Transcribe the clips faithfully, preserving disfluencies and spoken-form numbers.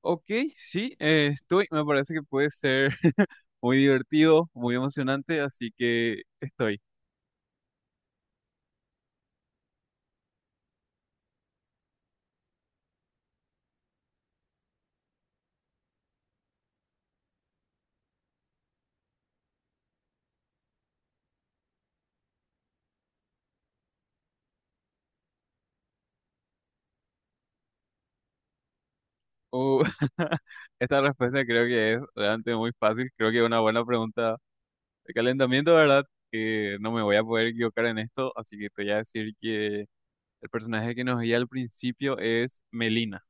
Ok, sí, eh, estoy. Me parece que puede ser muy divertido, muy emocionante, así que estoy. Uh, esta respuesta creo que es realmente muy fácil. Creo que es una buena pregunta de calentamiento, ¿verdad? Que no me voy a poder equivocar en esto, así que te voy a decir que el personaje que nos guía al principio es Melina.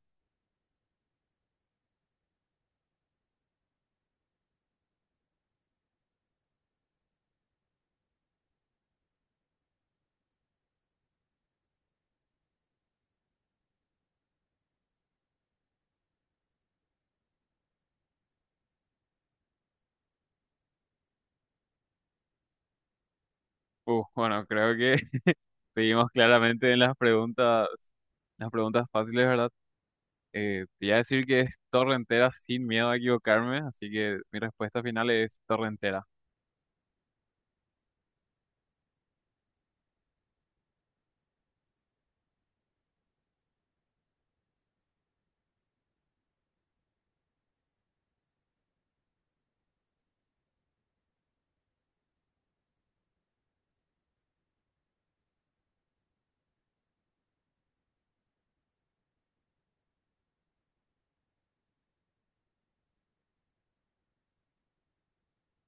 Uh, bueno, creo que seguimos claramente en las preguntas, las preguntas fáciles, ¿verdad? Eh, te iba a decir que es torre entera sin miedo a equivocarme, así que mi respuesta final es torre entera.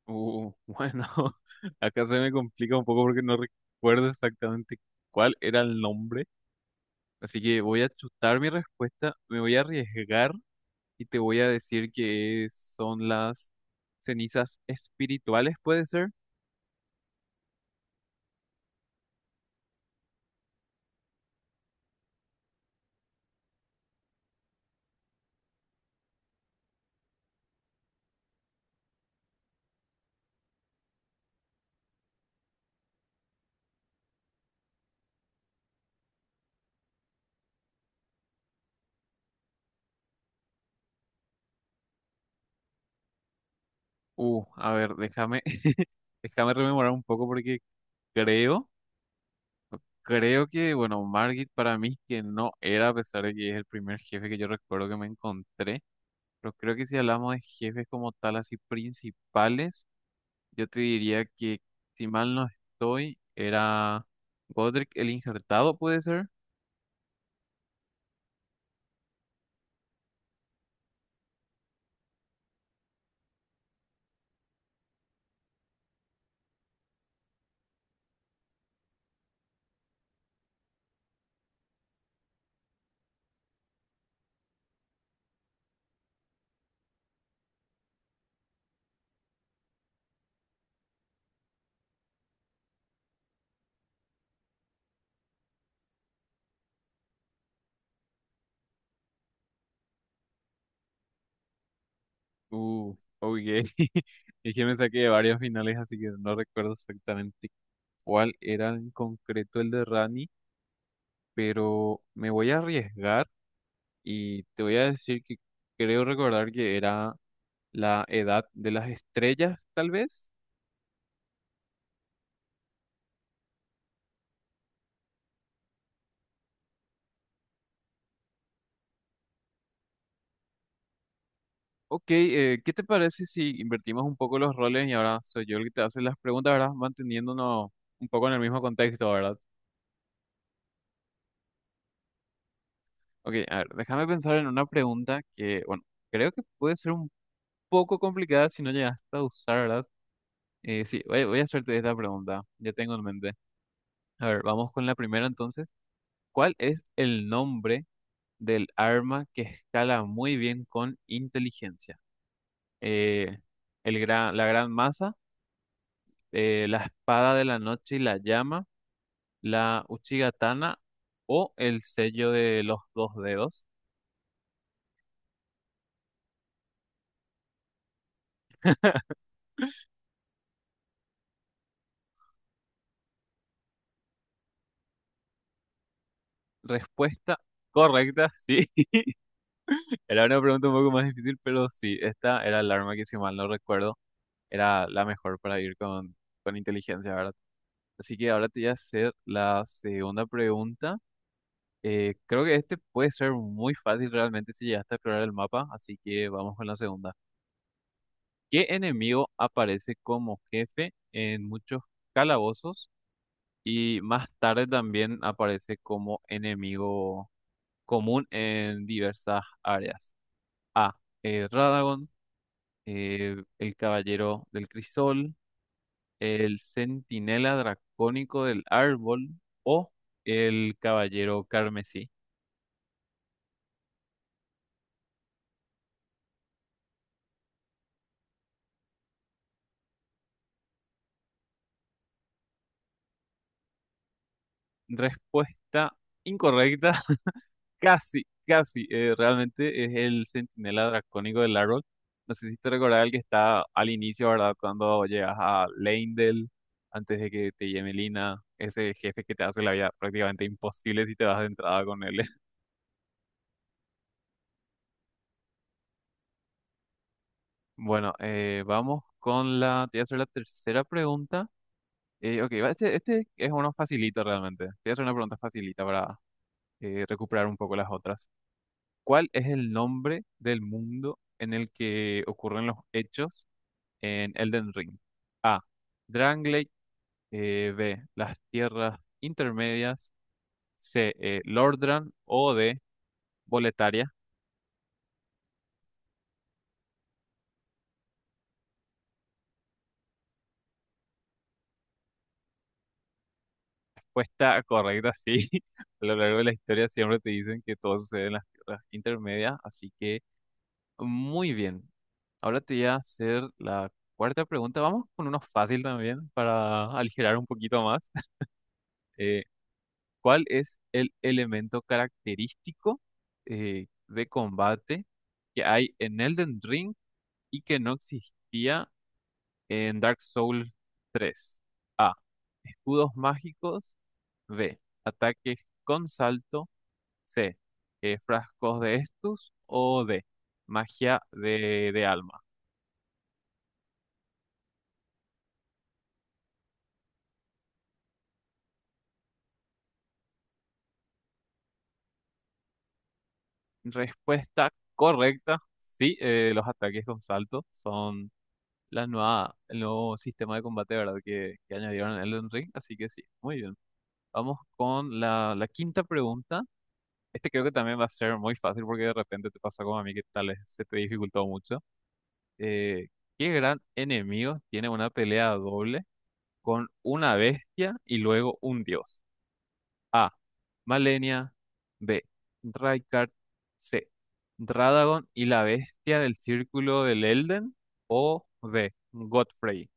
Uh, bueno, acá se me complica un poco porque no recuerdo exactamente cuál era el nombre, así que voy a chutar mi respuesta, me voy a arriesgar y te voy a decir que es- son las cenizas espirituales, ¿puede ser? Uh, a ver, déjame, déjame rememorar un poco porque creo. Creo que, bueno, Margit para mí que no era, a pesar de que es el primer jefe que yo recuerdo que me encontré, pero creo que si hablamos de jefes como tal, así principales, yo te diría que, si mal no estoy, era Godric el Injertado, ¿puede ser? Uh, ok. Es que me saqué de varios finales, así que no recuerdo exactamente cuál era en concreto el de Rani, pero me voy a arriesgar y te voy a decir que creo recordar que era la edad de las estrellas, tal vez. Ok, eh, ¿qué te parece si invertimos un poco los roles y ahora soy yo el que te hace las preguntas, ¿verdad? Manteniéndonos un poco en el mismo contexto, ¿verdad? Ok, a ver, déjame pensar en una pregunta que, bueno, creo que puede ser un poco complicada si no llegaste a usar, ¿verdad? Eh, sí, voy, voy a hacerte esta pregunta, ya tengo en mente. A ver, vamos con la primera entonces. ¿Cuál es el nombre del arma que escala muy bien con inteligencia? Eh, el gran, la gran masa, eh, la espada de la noche y la llama, la Uchigatana o el sello de los dos dedos. Respuesta correcta, sí. Era una pregunta un poco más difícil, pero sí, esta era el arma que si mal no recuerdo era la mejor para ir con, con inteligencia, ¿verdad? Así que ahora te voy a hacer la segunda pregunta. Eh, creo que este puede ser muy fácil realmente si llegaste a explorar el mapa, así que vamos con la segunda. ¿Qué enemigo aparece como jefe en muchos calabozos y más tarde también aparece como enemigo común en diversas áreas? A. Eh, Radagon. Eh, el Caballero del Crisol. El Centinela Dracónico del Árbol. O el Caballero Carmesí. Respuesta incorrecta. Casi, casi. Eh, realmente es el centinela dracónico del árbol. No sé si te recordás el que está al inicio, ¿verdad? Cuando llegas a Leyndell, antes de que te lleve Lina, ese jefe que te hace la vida prácticamente imposible si te vas de entrada con él. Bueno, eh, vamos con la. Te voy a hacer la tercera pregunta. Eh, ok, va, este, este es uno facilito realmente. Te voy a hacer una pregunta facilita para eh, recuperar un poco las otras. ¿Cuál es el nombre del mundo en el que ocurren los hechos en Elden Ring? A. Drangley. eh, B. Las tierras intermedias. C. eh, Lordran. O D. Boletaria. Respuesta correcta, sí. A lo largo de la historia siempre te dicen que todo sucede en las tierras intermedias. Así que muy bien. Ahora te voy a hacer la cuarta pregunta. Vamos con uno fácil también para aligerar un poquito más. Eh, ¿cuál es el elemento característico eh, de combate que hay en Elden Ring y que no existía en Dark Souls tres? A. Escudos mágicos. B. Ataques con salto. C. Eh, frascos de estus. O D. Magia de, de alma. Respuesta correcta. Sí, eh, los ataques con salto son la nueva, el nuevo sistema de combate, ¿verdad? Que, que añadieron en Elden Ring. Así que sí, muy bien. Vamos con la, la quinta pregunta. Este creo que también va a ser muy fácil porque de repente te pasa como a mí que tal vez se te dificultó mucho. Eh, ¿qué gran enemigo tiene una pelea doble con una bestia y luego un dios? A. Malenia. B. Raikard. C. Dradagon y la bestia del círculo del Elden. O D. Godfrey.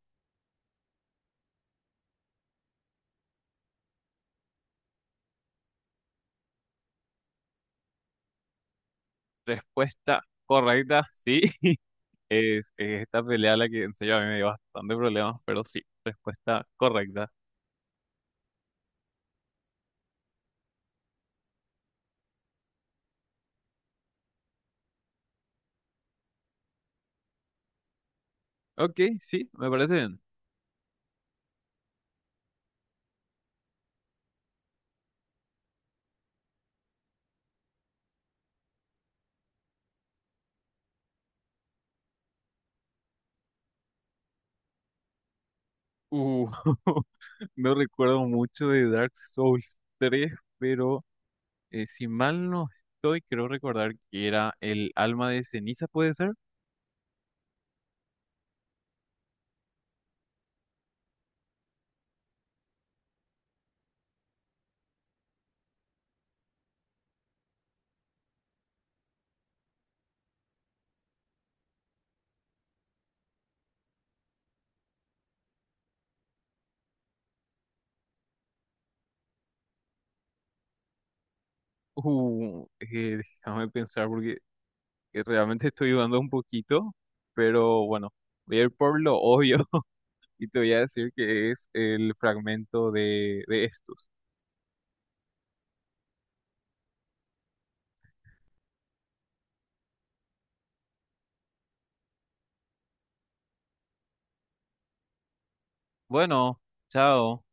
Respuesta correcta, sí. Es, es esta pelea la que en serio a mí me dio bastante problemas, pero sí, respuesta correcta. Ok, sí, me parece bien. Uh, no recuerdo mucho de Dark Souls tres, pero eh, si mal no estoy, creo recordar que era el alma de ceniza, ¿puede ser? Uh, eh, déjame pensar porque eh, realmente estoy dudando un poquito, pero bueno, voy a ir por lo obvio y te voy a decir que es el fragmento de, de estos. Bueno, chao.